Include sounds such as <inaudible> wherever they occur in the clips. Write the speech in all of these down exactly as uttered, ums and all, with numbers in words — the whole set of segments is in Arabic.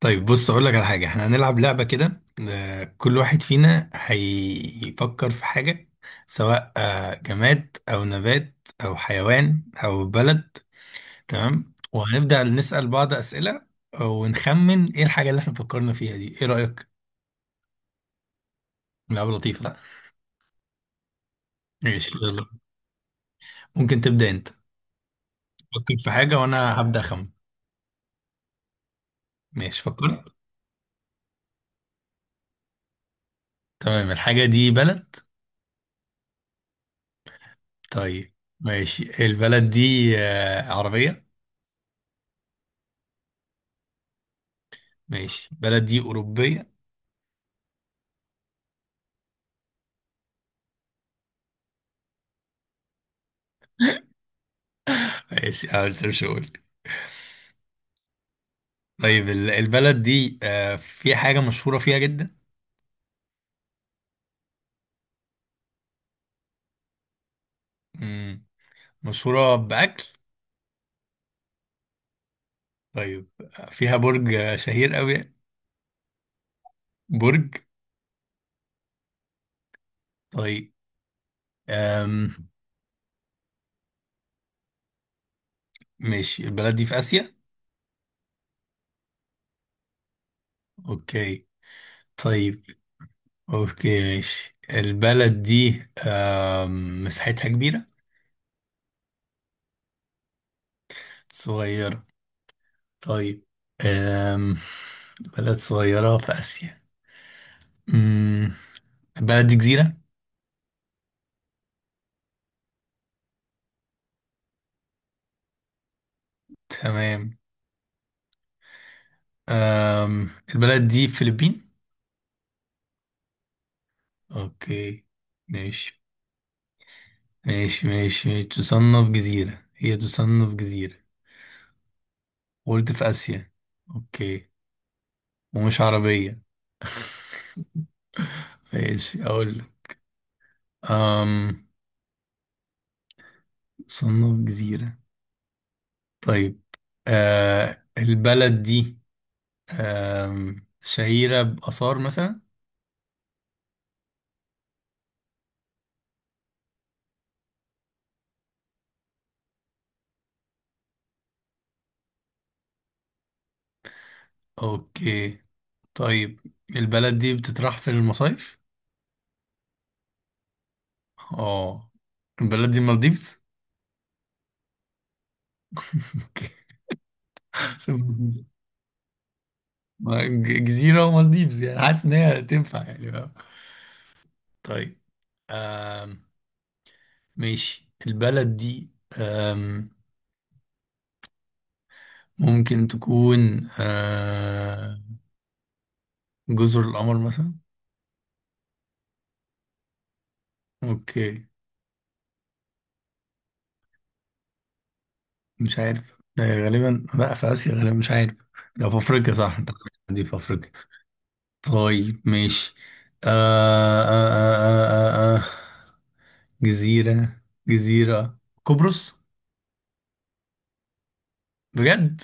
طيب بص اقول لك على حاجه، احنا هنلعب لعبه كده. آه، كل واحد فينا هيفكر في حاجه، سواء آه، جماد او نبات او حيوان او بلد. تمام، وهنبدا نسال بعض اسئله ونخمن ايه الحاجه اللي احنا فكرنا فيها دي. ايه رايك؟ لعبه لطيفه، صح؟ ماشي، يلا. ممكن تبدا انت. فكر في حاجه وانا هبدا اخمن. ماشي، فكرت. تمام، الحاجه دي بلد. طيب. ماشي، البلد دي آه، عربيه؟ ماشي، البلد دي اوروبيه؟ ماشي، اه، لسه مش هقول. طيب، ال- البلد دي آه، في حاجة مشهورة فيها جدا؟ مم. مشهورة بأكل؟ طيب، آه، فيها برج آه، شهير قوي؟ برج. طيب. أم. ماشي، البلد دي في آسيا. اوكي. طيب. اوكي، ماشي، البلد دي أم. مساحتها كبيرة؟ صغيرة. طيب. أم. بلد صغيرة في آسيا. مم. البلد دي جزيرة. تمام. أم، البلد دي فلبين؟ اوكي، ماشي. ماشي ماشي ماشي. تصنف جزيرة، هي تصنف جزيرة. قلت في آسيا. اوكي. ومش عربية. <laughs> ماشي، اقول لك. أم تصنف جزيرة. طيب. أه، البلد دي أم شهيرة بآثار مثلا؟ اوكي. طيب. البلد دي بتطرح في المصايف. اه، البلد دي المالديفز؟ <laughs> ما ج- جزيرة ومالديفز يعني، حاسس إن هي تنفع، يعني فاهم. طيب. آم ماشي، البلد دي آم ممكن تكون آم جزر القمر مثلا؟ أوكي. مش عارف ده، غالبا لا، في آسيا غالبا، مش عارف. ده في أفريقيا، صح أنت؟ دي في أفريقيا. طيب، ماشي. آه آه آه آه آه. آه. جزيرة، جزيرة. قبرص؟ بجد؟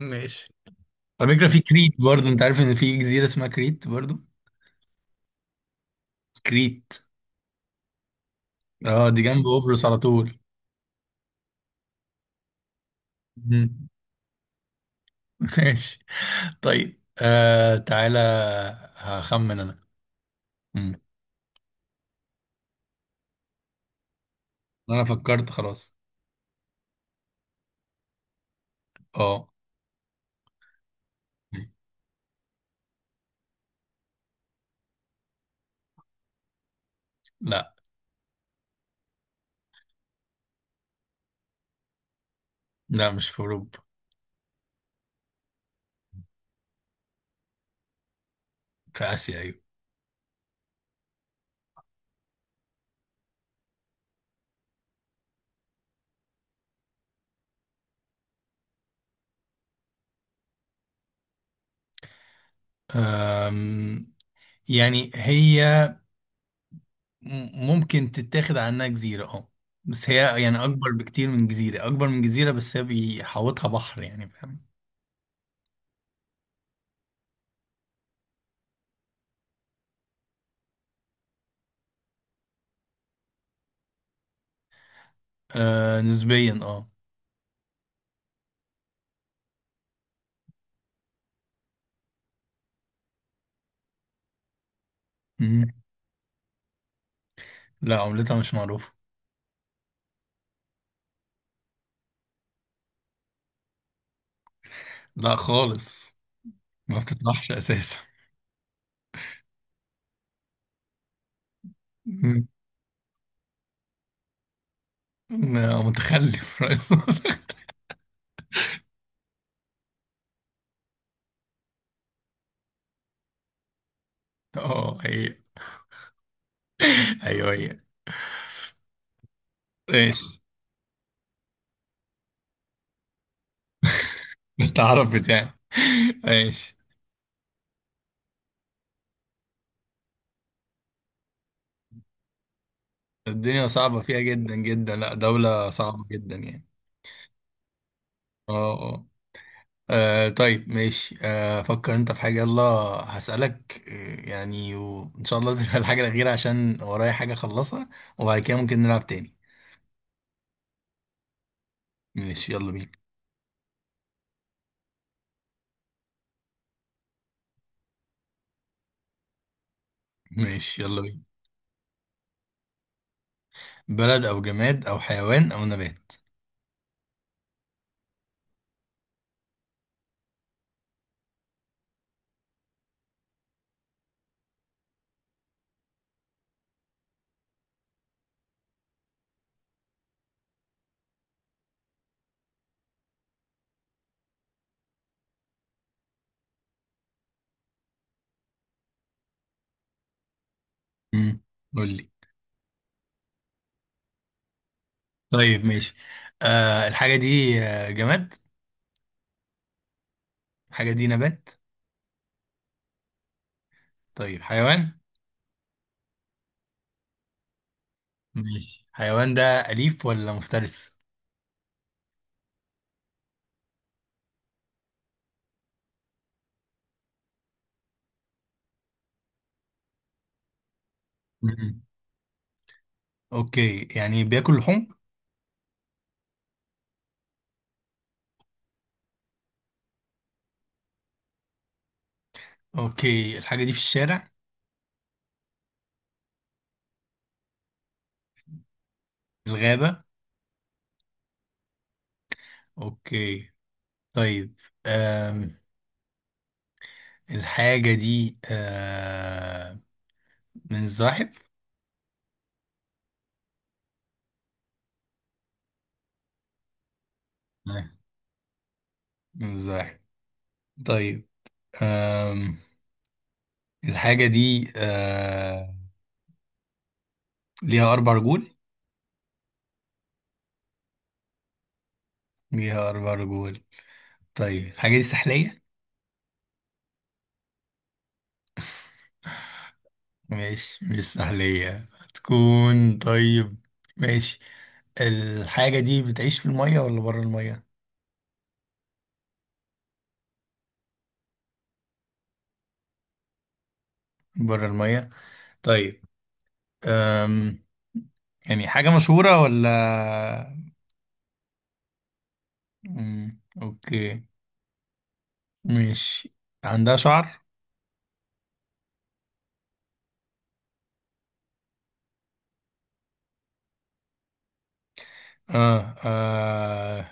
ماشي. على فكرة، في كريت برضو، انت عارف ان في جزيرة اسمها كريت برضو؟ كريت. اه، دي جنب قبرص على طول. مم. <laughs> ماشي. طيب، آه، تعالى، هخمن انا. مم. انا فكرت، خلاص. اه. لا لا، مش في اوروبا. في اسيا، ايوه. آم، يعني هي م- ممكن تتاخد عنها جزيرة، اه، بس هي يعني اكبر بكتير من جزيرة، اكبر من جزيرة، بس هي بيحوطها بحر، يعني فاهم. آه نسبيا، اه. لا، عملتها مش معروفة. لا خالص، ما بتطلعش أساسا. مم. لا، متخلف رئيس <laughs> متخلف. اه، هي. أيوه، هي. ماشي، التعرف بتاعي. ماشي. الدنيا صعبة فيها جدا جدا، لا دولة صعبة جدا يعني. اه، اه. آه، طيب ماشي، آه، فكر انت في حاجة، يلا. هسألك، آه، يعني وإن شاء الله <laughs> تبقى الحاجة الأخيرة، عشان ورايا حاجة أخلصها، وبعد كده ممكن نلعب تاني. ماشي، يلا بينا. ماشي، يلا بينا. بلد او جماد او حيوان او نبات. امم قول لي. طيب، ماشي، آه، الحاجه دي آه، جماد؟ الحاجه دي نبات؟ طيب، حيوان؟ ماشي، حيوان ده اليف ولا مفترس؟ امم اوكي، يعني بياكل لحوم؟ اوكي، الحاجه دي في الشارع؟ في الغابه؟ اوكي. طيب، آم الحاجه دي آه من الزاحف؟ لا، من الزاحف. طيب، آم الحاجه دي آه ليها اربع رجول؟ ليها أربع رجول. طيب، الحاجة دي سحلية؟ ماشي، مش سحلية هتكون. طيب، ماشي. الحاجة دي بتعيش في المية ولا برا المية؟ برا المية. طيب، أم يعني حاجة مشهورة ولا؟ أم، أوكي. ماشي. عندها شعر؟ آه, آه.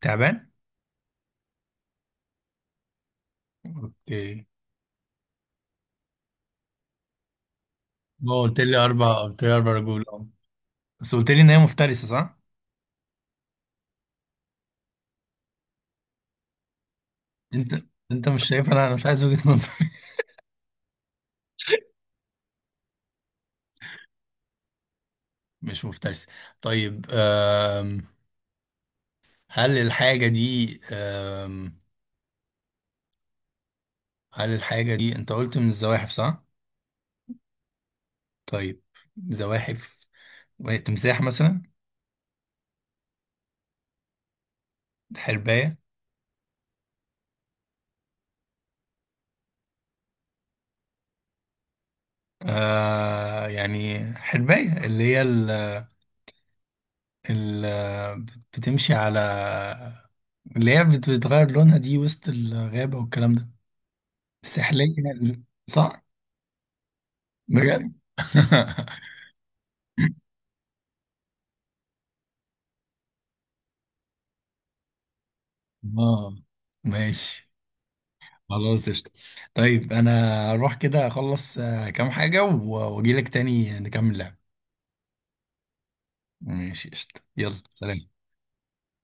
تعبان؟ اوكي. ما قلت لي أربع، قلت لي أربع رجول، أه، بس قلت لي إن هي مفترسة، صح؟ أنت، أنت مش شايف، أنا أنا مش عايز وجهة نظر. مش مفترس. طيب آم، هل الحاجة دي آم، هل الحاجة دي انت قلت من الزواحف، صح؟ طيب، زواحف، تمساح مثلا؟ حرباية؟ آه، يعني حرباية اللي هي ال ال بتمشي على، اللي هي بت- بتغير لونها دي وسط الغابة والكلام ده، السحلية، صح؟ بجد؟ <laughs> اه، ماشي، خلاص قشطة. طيب، انا اروح كده اخلص آه، كام حاجة واجي لك تاني نكمل لعب. ماشي، قشطة، يلا سلام.